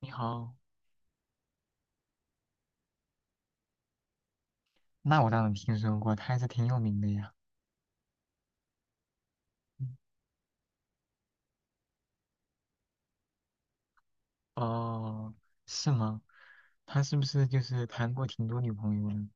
你好，那我当然听说过，他还是挺有名的呀。嗯，哦，是吗？他是不是就是谈过挺多女朋友呢？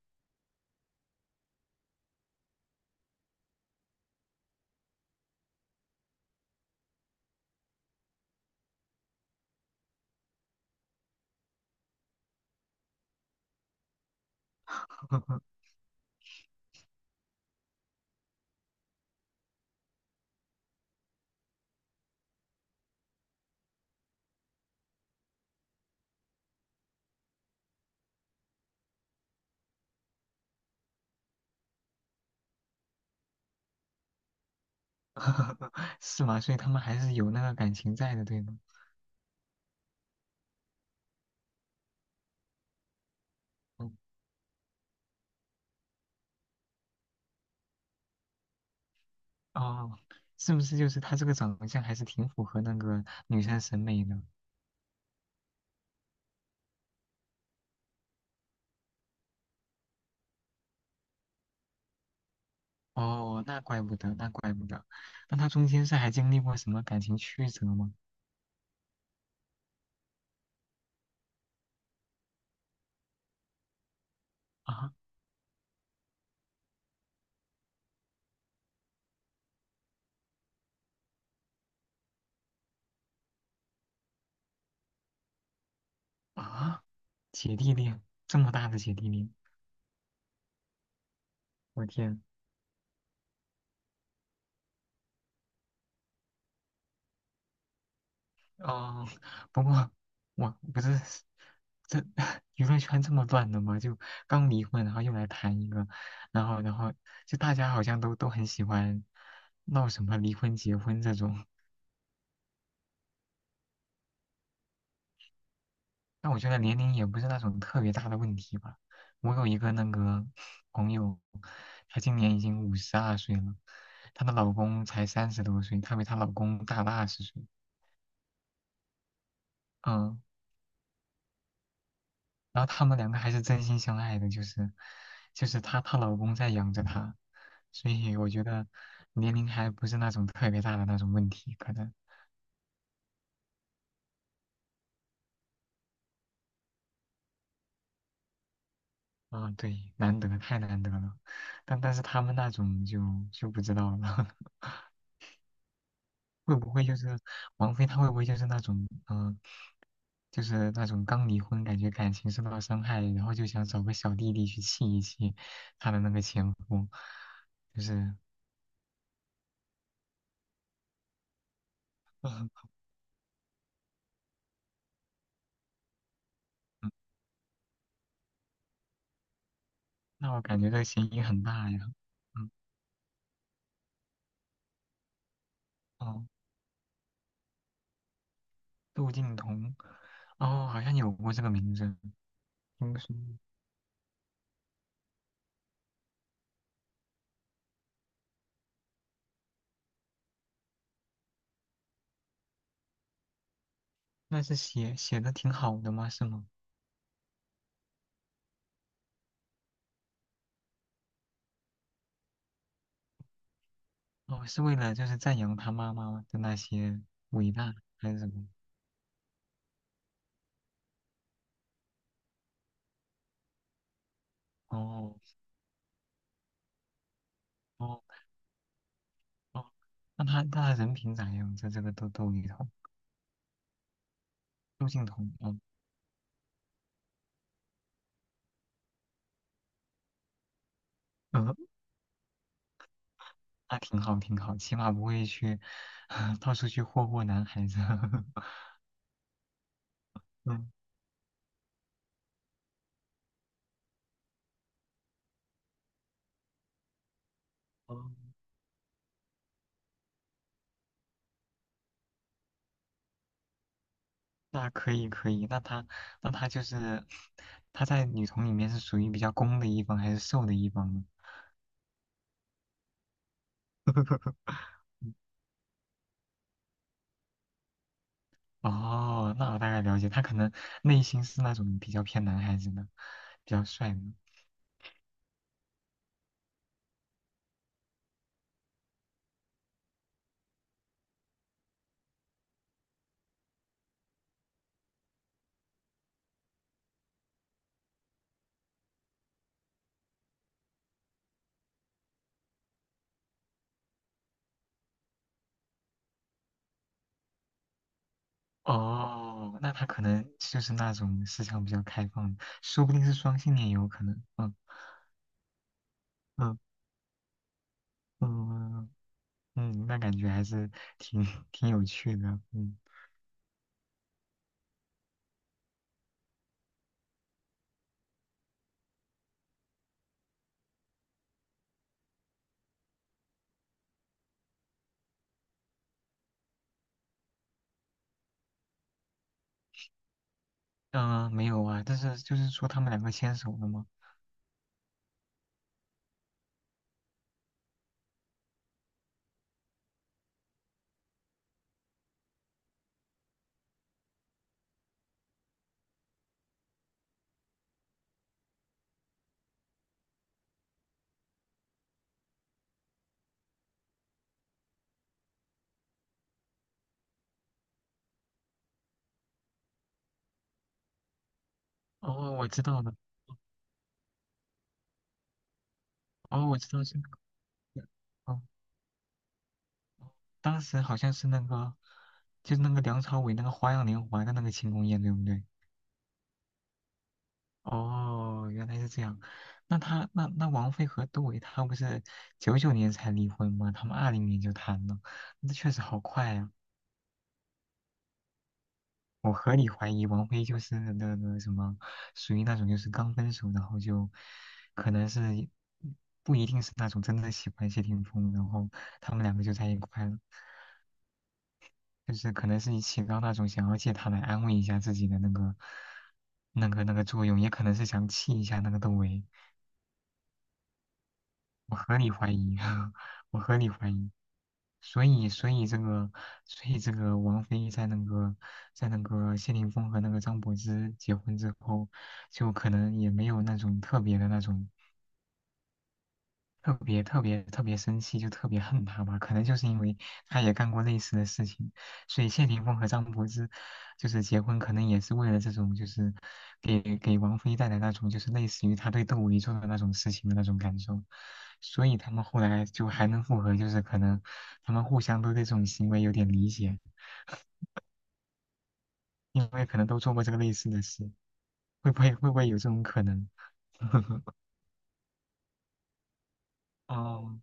是吗？所以他们还是有那个感情在的，对吗？嗯，哦，是不是就是他这个长相还是挺符合那个女生审美的？哦，那怪不得，那怪不得。那他中间是还经历过什么感情曲折吗？啊啊，姐弟恋，这么大的姐弟恋，我天！哦，不过我不是这 娱乐圈这么乱的吗？就刚离婚，然后又来谈一个，然后就大家好像都很喜欢闹什么离婚、结婚这种。但我觉得年龄也不是那种特别大的问题吧。我有一个那个朋友，她今年已经52岁了，她的老公才30多岁，她比她老公大了20岁。嗯，然后他们两个还是真心相爱的，就是她老公在养着她，所以我觉得年龄还不是那种特别大的那种问题，可能啊，对，难得太难得了，但是他们那种就不知道了，会不会就是王菲她会不会就是那种就是那种刚离婚感觉感情受到伤害，然后就想找个小弟弟去气一气她的那个前夫，就是 嗯那我感觉这个嫌疑很大呀。嗯。哦，窦靖童，哦，好像有过这个名字，听说。那是写的挺好的吗？是吗？哦，是为了就是赞扬他妈妈的那些伟大还是什么？哦哦哦，那他那他人品咋样？在这个窦靖童，窦靖童，哦，呃，那挺好挺好，起码不会去 到处去霍霍男孩子。嗯，哦那可以可以，那他就是他在女同里面是属于比较攻的一方还是受的一方呢？哦，那我大概了解，他可能内心是那种比较偏男孩子的，比较帅的。哦，那他可能就是那种思想比较开放的，说不定是双性恋也有可能。嗯嗯嗯嗯，那感觉还是挺挺有趣的。嗯嗯、没有啊，但是就是说他们两个牵手了吗？哦，我知道了。哦，我知道是哦，当时好像是那个，就是那个梁朝伟那个《花样年华》的那个庆功宴，对不对？哦，原来是这样。那他王菲和杜伟他不是99年才离婚吗？他们20年就谈了，那确实好快啊！我合理怀疑王菲就是那个什么，属于那种就是刚分手，然后就可能是不一定是那种真的喜欢谢霆锋，然后他们两个就在一块了。就是可能是你起到那种想要借他来安慰一下自己的那个作用，也可能是想气一下那个窦唯。我合理怀疑，我合理怀疑。所以，所以这个，所以这个王菲在那个，在那个谢霆锋和那个张柏芝结婚之后，就可能也没有那种特别的那种特别特别特别生气，就特别恨他吧。可能就是因为他也干过类似的事情，所以谢霆锋和张柏芝就是结婚，可能也是为了这种，就是给王菲带来那种，就是类似于他对窦唯做的那种事情的那种感受。所以他们后来就还能复合，就是可能他们互相都对这种行为有点理解，因为可能都做过这个类似的事。会不会有这种可能？哦，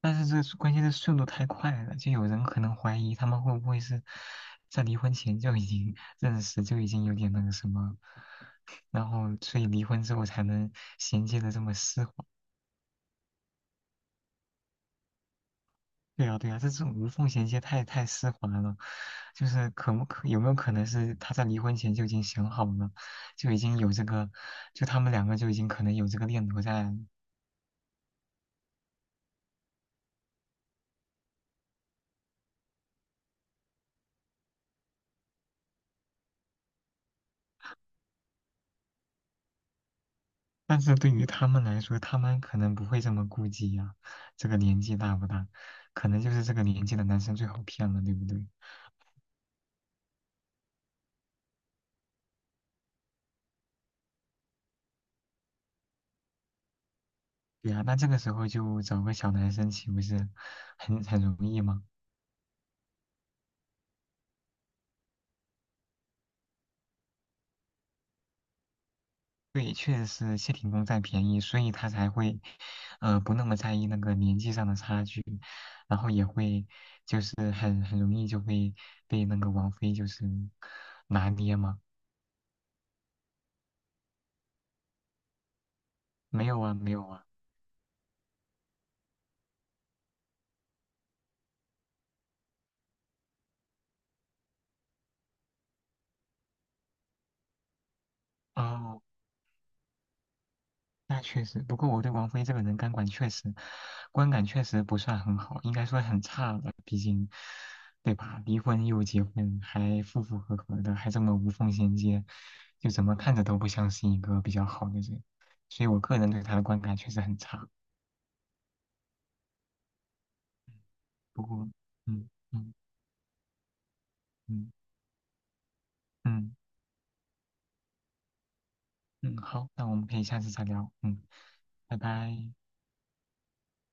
但是这关键是速度太快了，就有人可能怀疑他们会不会是在离婚前就已经认识，就已经有点那个什么，然后所以离婚之后才能衔接的这么丝滑。对啊，对啊，这种无缝衔接太丝滑了，就是可不可有没有可能是他在离婚前就已经想好了，就已经有这个，就他们两个就已经可能有这个念头在。但是对于他们来说，他们可能不会这么顾忌呀、这个年纪大不大？可能就是这个年纪的男生最好骗了，对不对？对呀、那这个时候就找个小男生，岂不是很容易吗？对，确实是谢霆锋占便宜，所以他才会，不那么在意那个年纪上的差距，然后也会就是很容易就会被那个王菲就是拿捏嘛。没有啊，没有啊。哦，那确实，不过我对王菲这个人感管确实，观感确实不算很好，应该说很差了。毕竟，对吧？离婚又结婚，还夫妇和和的，还这么无缝衔接，就怎么看着都不像是一个比较好的人。所以我个人对她的观感确实很差。不过，嗯嗯嗯嗯嗯，好，那我们可以下次再聊。嗯，拜拜。